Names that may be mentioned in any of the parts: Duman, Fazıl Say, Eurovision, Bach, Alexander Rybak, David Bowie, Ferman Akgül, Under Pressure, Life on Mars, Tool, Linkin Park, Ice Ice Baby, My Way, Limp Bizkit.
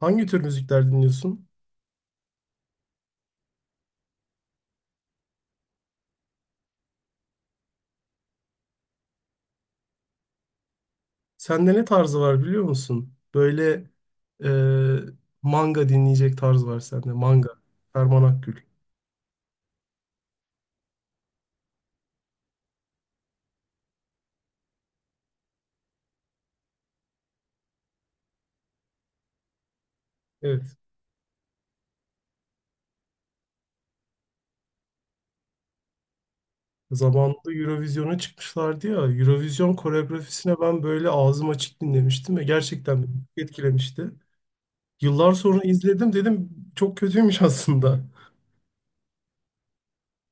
Hangi tür müzikler dinliyorsun? Sende ne tarzı var, biliyor musun? Böyle e, manga dinleyecek tarz var sende. Manga. Ferman Akgül. Evet. Zamanında Eurovision'a çıkmışlardı ya. Eurovision koreografisine ben böyle ağzım açık dinlemiştim ve gerçekten beni çok etkilemişti. Yıllar sonra izledim, dedim çok kötüymüş aslında.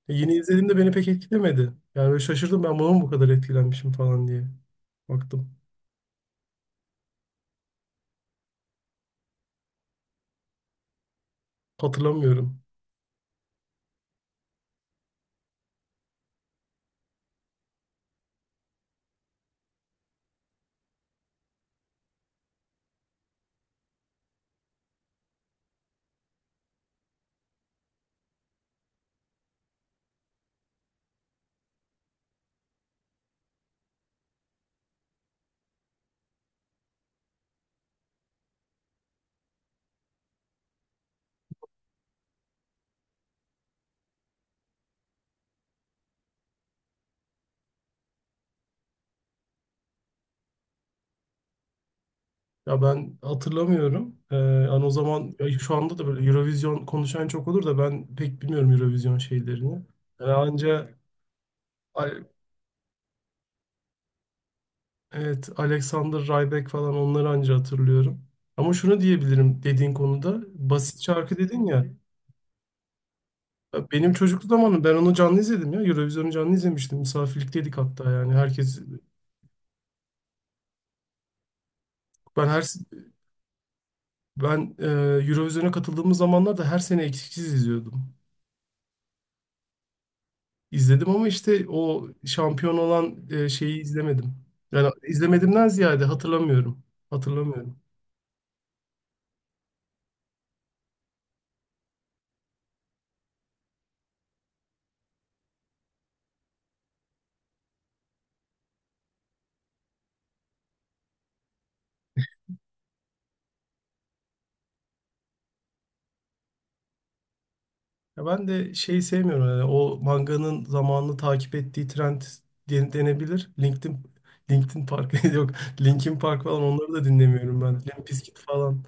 Yeni izlediğimde beni pek etkilemedi. Yani böyle şaşırdım, ben buna mı bu kadar etkilenmişim falan diye. Baktım. Hatırlamıyorum. Ya ben hatırlamıyorum. Yani o zaman, ya şu anda da böyle Eurovision konuşan çok olur da ben pek bilmiyorum Eurovision şeylerini. Yani anca A- evet, Alexander Rybak falan, onları anca hatırlıyorum. Ama şunu diyebilirim dediğin konuda, basit şarkı dedin ya. Ya benim çocukluk zamanım, ben onu canlı izledim ya. Eurovision'u canlı izlemiştim. Misafirlikteydik hatta, yani herkes ben her ben e, Eurovision'a katıldığımız zamanlarda her sene eksiksiz izliyordum. İzledim ama işte o şampiyon olan şeyi izlemedim. Yani izlemedimden ziyade hatırlamıyorum. Hatırlamıyorum. Ya ben de şeyi sevmiyorum, yani o manganın zamanını takip ettiği trend denebilir. LinkedIn Park yok. Linkin Park falan, onları da dinlemiyorum ben. Limp Bizkit falan.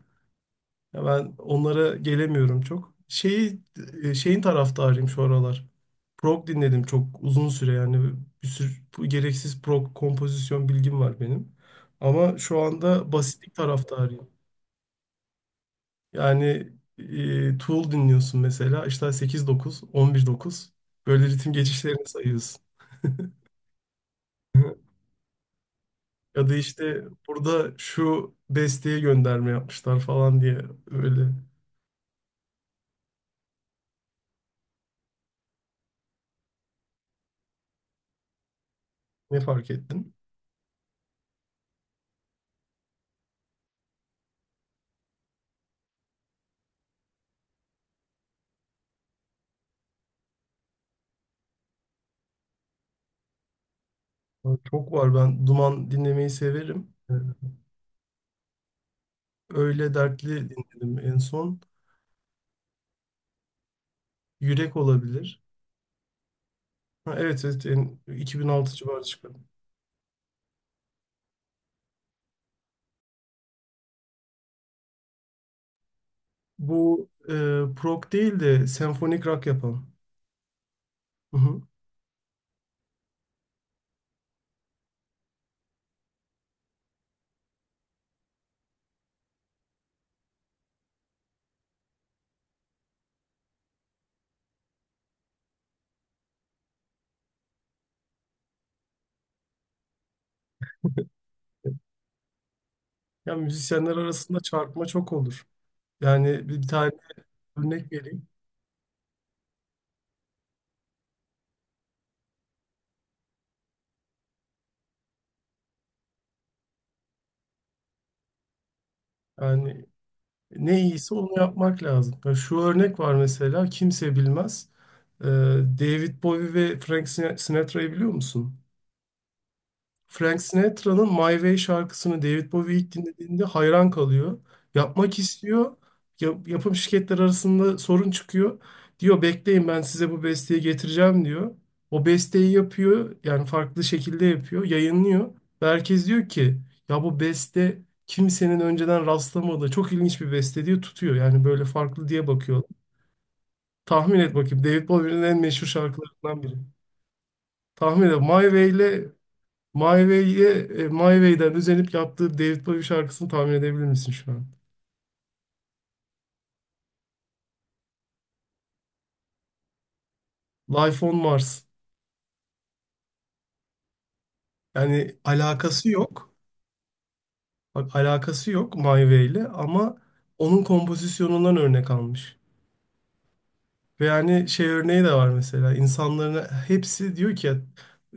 Ya ben onlara gelemiyorum çok. Şeyin taraftarıyım şu aralar. Prog dinledim çok uzun süre, yani bir sürü bu gereksiz prog kompozisyon bilgim var benim. Ama şu anda basitlik taraftarıyım. Yani Tool dinliyorsun mesela, işte sekiz dokuz on bir dokuz, böyle ritim geçişlerini sayıyorsun. Ya da işte burada şu besteye gönderme yapmışlar falan diye öyle. Ne fark ettin? Çok var. Ben Duman dinlemeyi severim. Öyle dertli dinledim en son. Yürek olabilir. Ha, evet, evet, 2006 civarı çıkan. Bu prog değil de senfonik rock yapan. Hı hı. Ya, müzisyenler arasında çarpma çok olur. Yani bir tane örnek vereyim. Yani ne iyiyse onu yapmak lazım. Ya şu örnek var mesela, kimse bilmez. Ee, David Bowie ve Frank Sinatra'yı biliyor musun? Frank Sinatra'nın My Way şarkısını David Bowie ilk dinlediğinde hayran kalıyor. Yapmak istiyor. Yapım şirketler arasında sorun çıkıyor. Diyor, bekleyin, ben size bu besteyi getireceğim diyor. O besteyi yapıyor. Yani farklı şekilde yapıyor. Yayınlıyor. Ve herkes diyor ki, ya bu beste kimsenin önceden rastlamadığı çok ilginç bir beste diyor, tutuyor. Yani böyle farklı diye bakıyor. Tahmin et bakayım. David Bowie'nin en meşhur şarkılarından biri. Tahmin et. My Way ile My Way'e, e, My Way'den özenip yaptığı David Bowie şarkısını tahmin edebilir misin şu an? Life on Mars. Yani alakası yok. Bak, alakası yok My Way ile ama onun kompozisyonundan örnek almış. Ve yani şey örneği de var mesela. İnsanların hepsi diyor ki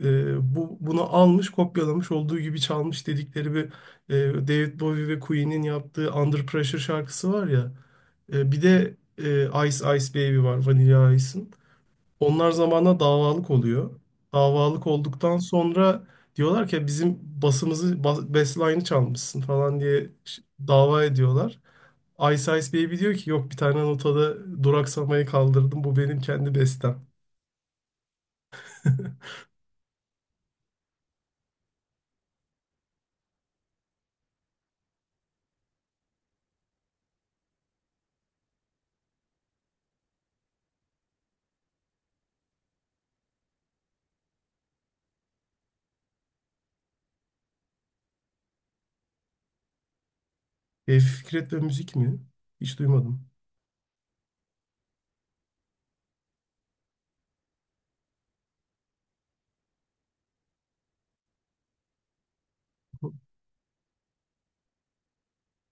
bunu almış, kopyalamış, olduğu gibi çalmış dedikleri bir David Bowie ve Queen'in yaptığı Under Pressure şarkısı var ya. Bir de Ice Ice Baby var, Vanilla Ice'ın. Onlar zamanla davalık oluyor. Davalık olduktan sonra diyorlar ki bizim basımızı, basline'ı çalmışsın falan diye dava ediyorlar. Ice Ice Baby diyor ki yok, bir tane notada duraksamayı kaldırdım, bu benim kendi bestem. Fikret ve müzik mi? Hiç duymadım.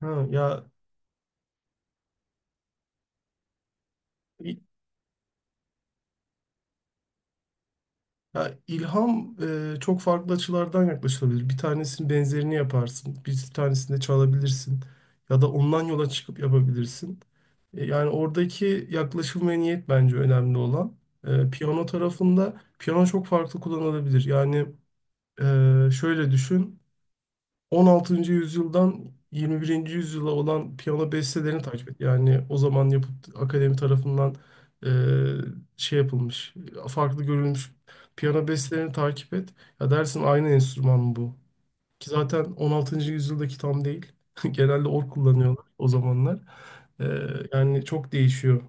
Ha, ya, i- ya, ilham çok farklı açılardan yaklaşılabilir. Bir tanesinin benzerini yaparsın, bir tanesini de çalabilirsin ya da ondan yola çıkıp yapabilirsin. Yani oradaki yaklaşım ve niyet bence önemli olan. Piyano tarafında piyano çok farklı kullanılabilir. Yani şöyle düşün. 16. yüzyıldan 21. yüzyıla olan piyano bestelerini takip et. Yani o zaman yapıt akademi tarafından e, şey yapılmış, farklı görülmüş piyano bestelerini takip et. Ya dersin, aynı enstrüman mı bu? Ki zaten 16. yüzyıldaki tam değil. Genelde org kullanıyorlar o zamanlar. E, Yani çok değişiyor.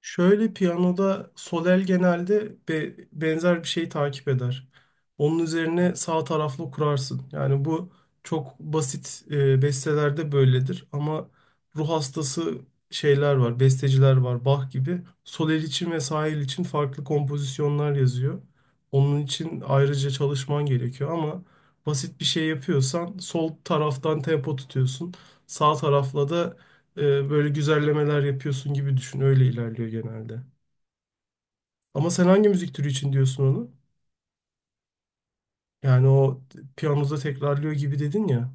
Şöyle, piyanoda sol el genelde benzer bir şeyi takip eder. Onun üzerine sağ taraflı kurarsın. Yani bu çok basit bestelerde böyledir ama ruh hastası şeyler var, besteciler var, Bach gibi. Sol el için ve sağ el için farklı kompozisyonlar yazıyor. Onun için ayrıca çalışman gerekiyor ama basit bir şey yapıyorsan sol taraftan tempo tutuyorsun. Sağ tarafla da böyle güzellemeler yapıyorsun gibi düşün. Öyle ilerliyor genelde. Ama sen hangi müzik türü için diyorsun onu? Yani o piyanoda tekrarlıyor gibi dedin ya.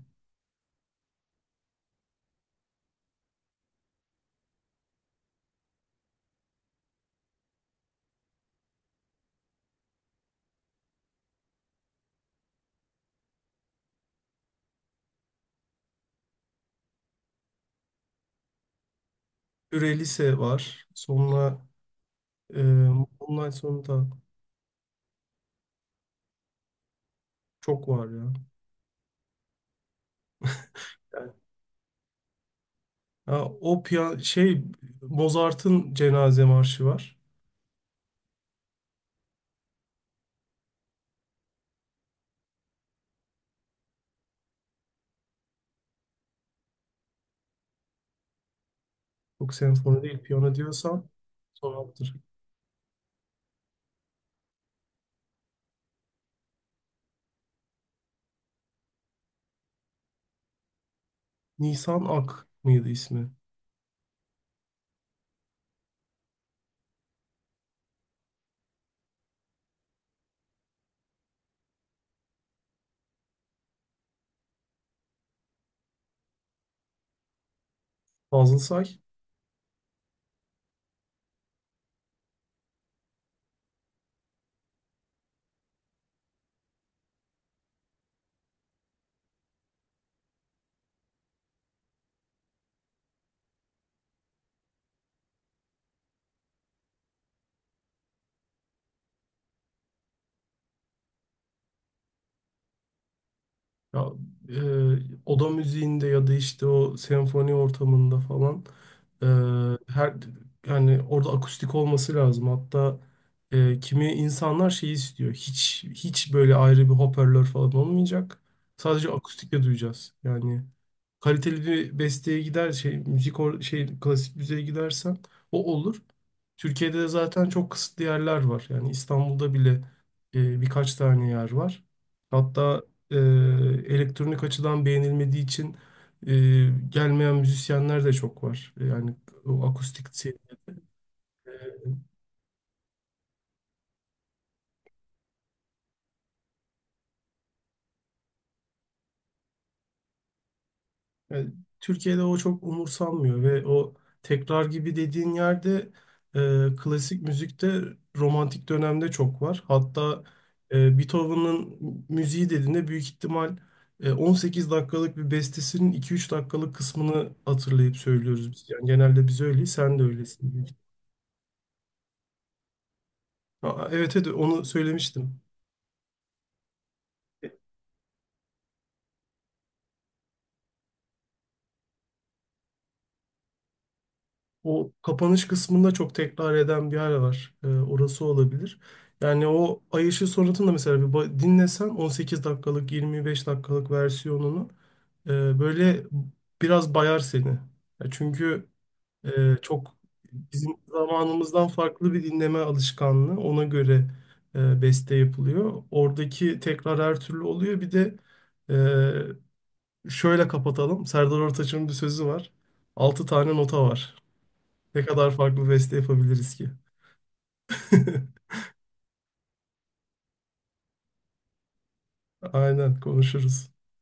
Ürelise var. Sonra e, online sonunda çok var ya. Yani, ha, o şey, Mozart'ın cenaze marşı var. Çok senfoni değil, piyano diyorsan son alttır. Nisan Ak mıydı ismi? Fazıl Say. Ya, oda müziğinde ya da işte o senfoni ortamında falan e, her, yani orada akustik olması lazım. Hatta kimi insanlar şey istiyor. Hiç hiç böyle ayrı bir hoparlör falan olmayacak. Sadece akustikle duyacağız. Yani kaliteli bir besteye gider, şey müzik or şey klasik müziğe gidersen o olur. Türkiye'de de zaten çok kısıtlı yerler var. Yani İstanbul'da bile birkaç tane yer var. Hatta e, elektronik açıdan beğenilmediği için gelmeyen müzisyenler de çok var. Yani o akustik. Yani Türkiye'de o çok umursanmıyor ve o tekrar gibi dediğin yerde klasik müzikte romantik dönemde çok var. Hatta Beethoven'ın müziği dediğinde büyük ihtimal 18 dakikalık bir bestesinin 2-3 dakikalık kısmını hatırlayıp söylüyoruz biz. Yani genelde biz öyleyiz, sen de öylesin, büyük ihtimal. Aa, evet, evet, onu söylemiştim. O kapanış kısmında çok tekrar eden bir yer var. Orası olabilir. Yani o Ay Işığı Sonatı'nı da mesela bir dinlesen, 18 dakikalık, 25 dakikalık versiyonunu böyle biraz bayar seni. Ya çünkü çok bizim zamanımızdan farklı bir dinleme alışkanlığı. Ona göre beste yapılıyor. Oradaki tekrar her türlü oluyor. Bir de e, şöyle kapatalım. Serdar Ortaç'ın bir sözü var. 6 tane nota var. Ne kadar farklı beste yapabiliriz ki? Aynen konuşuruz.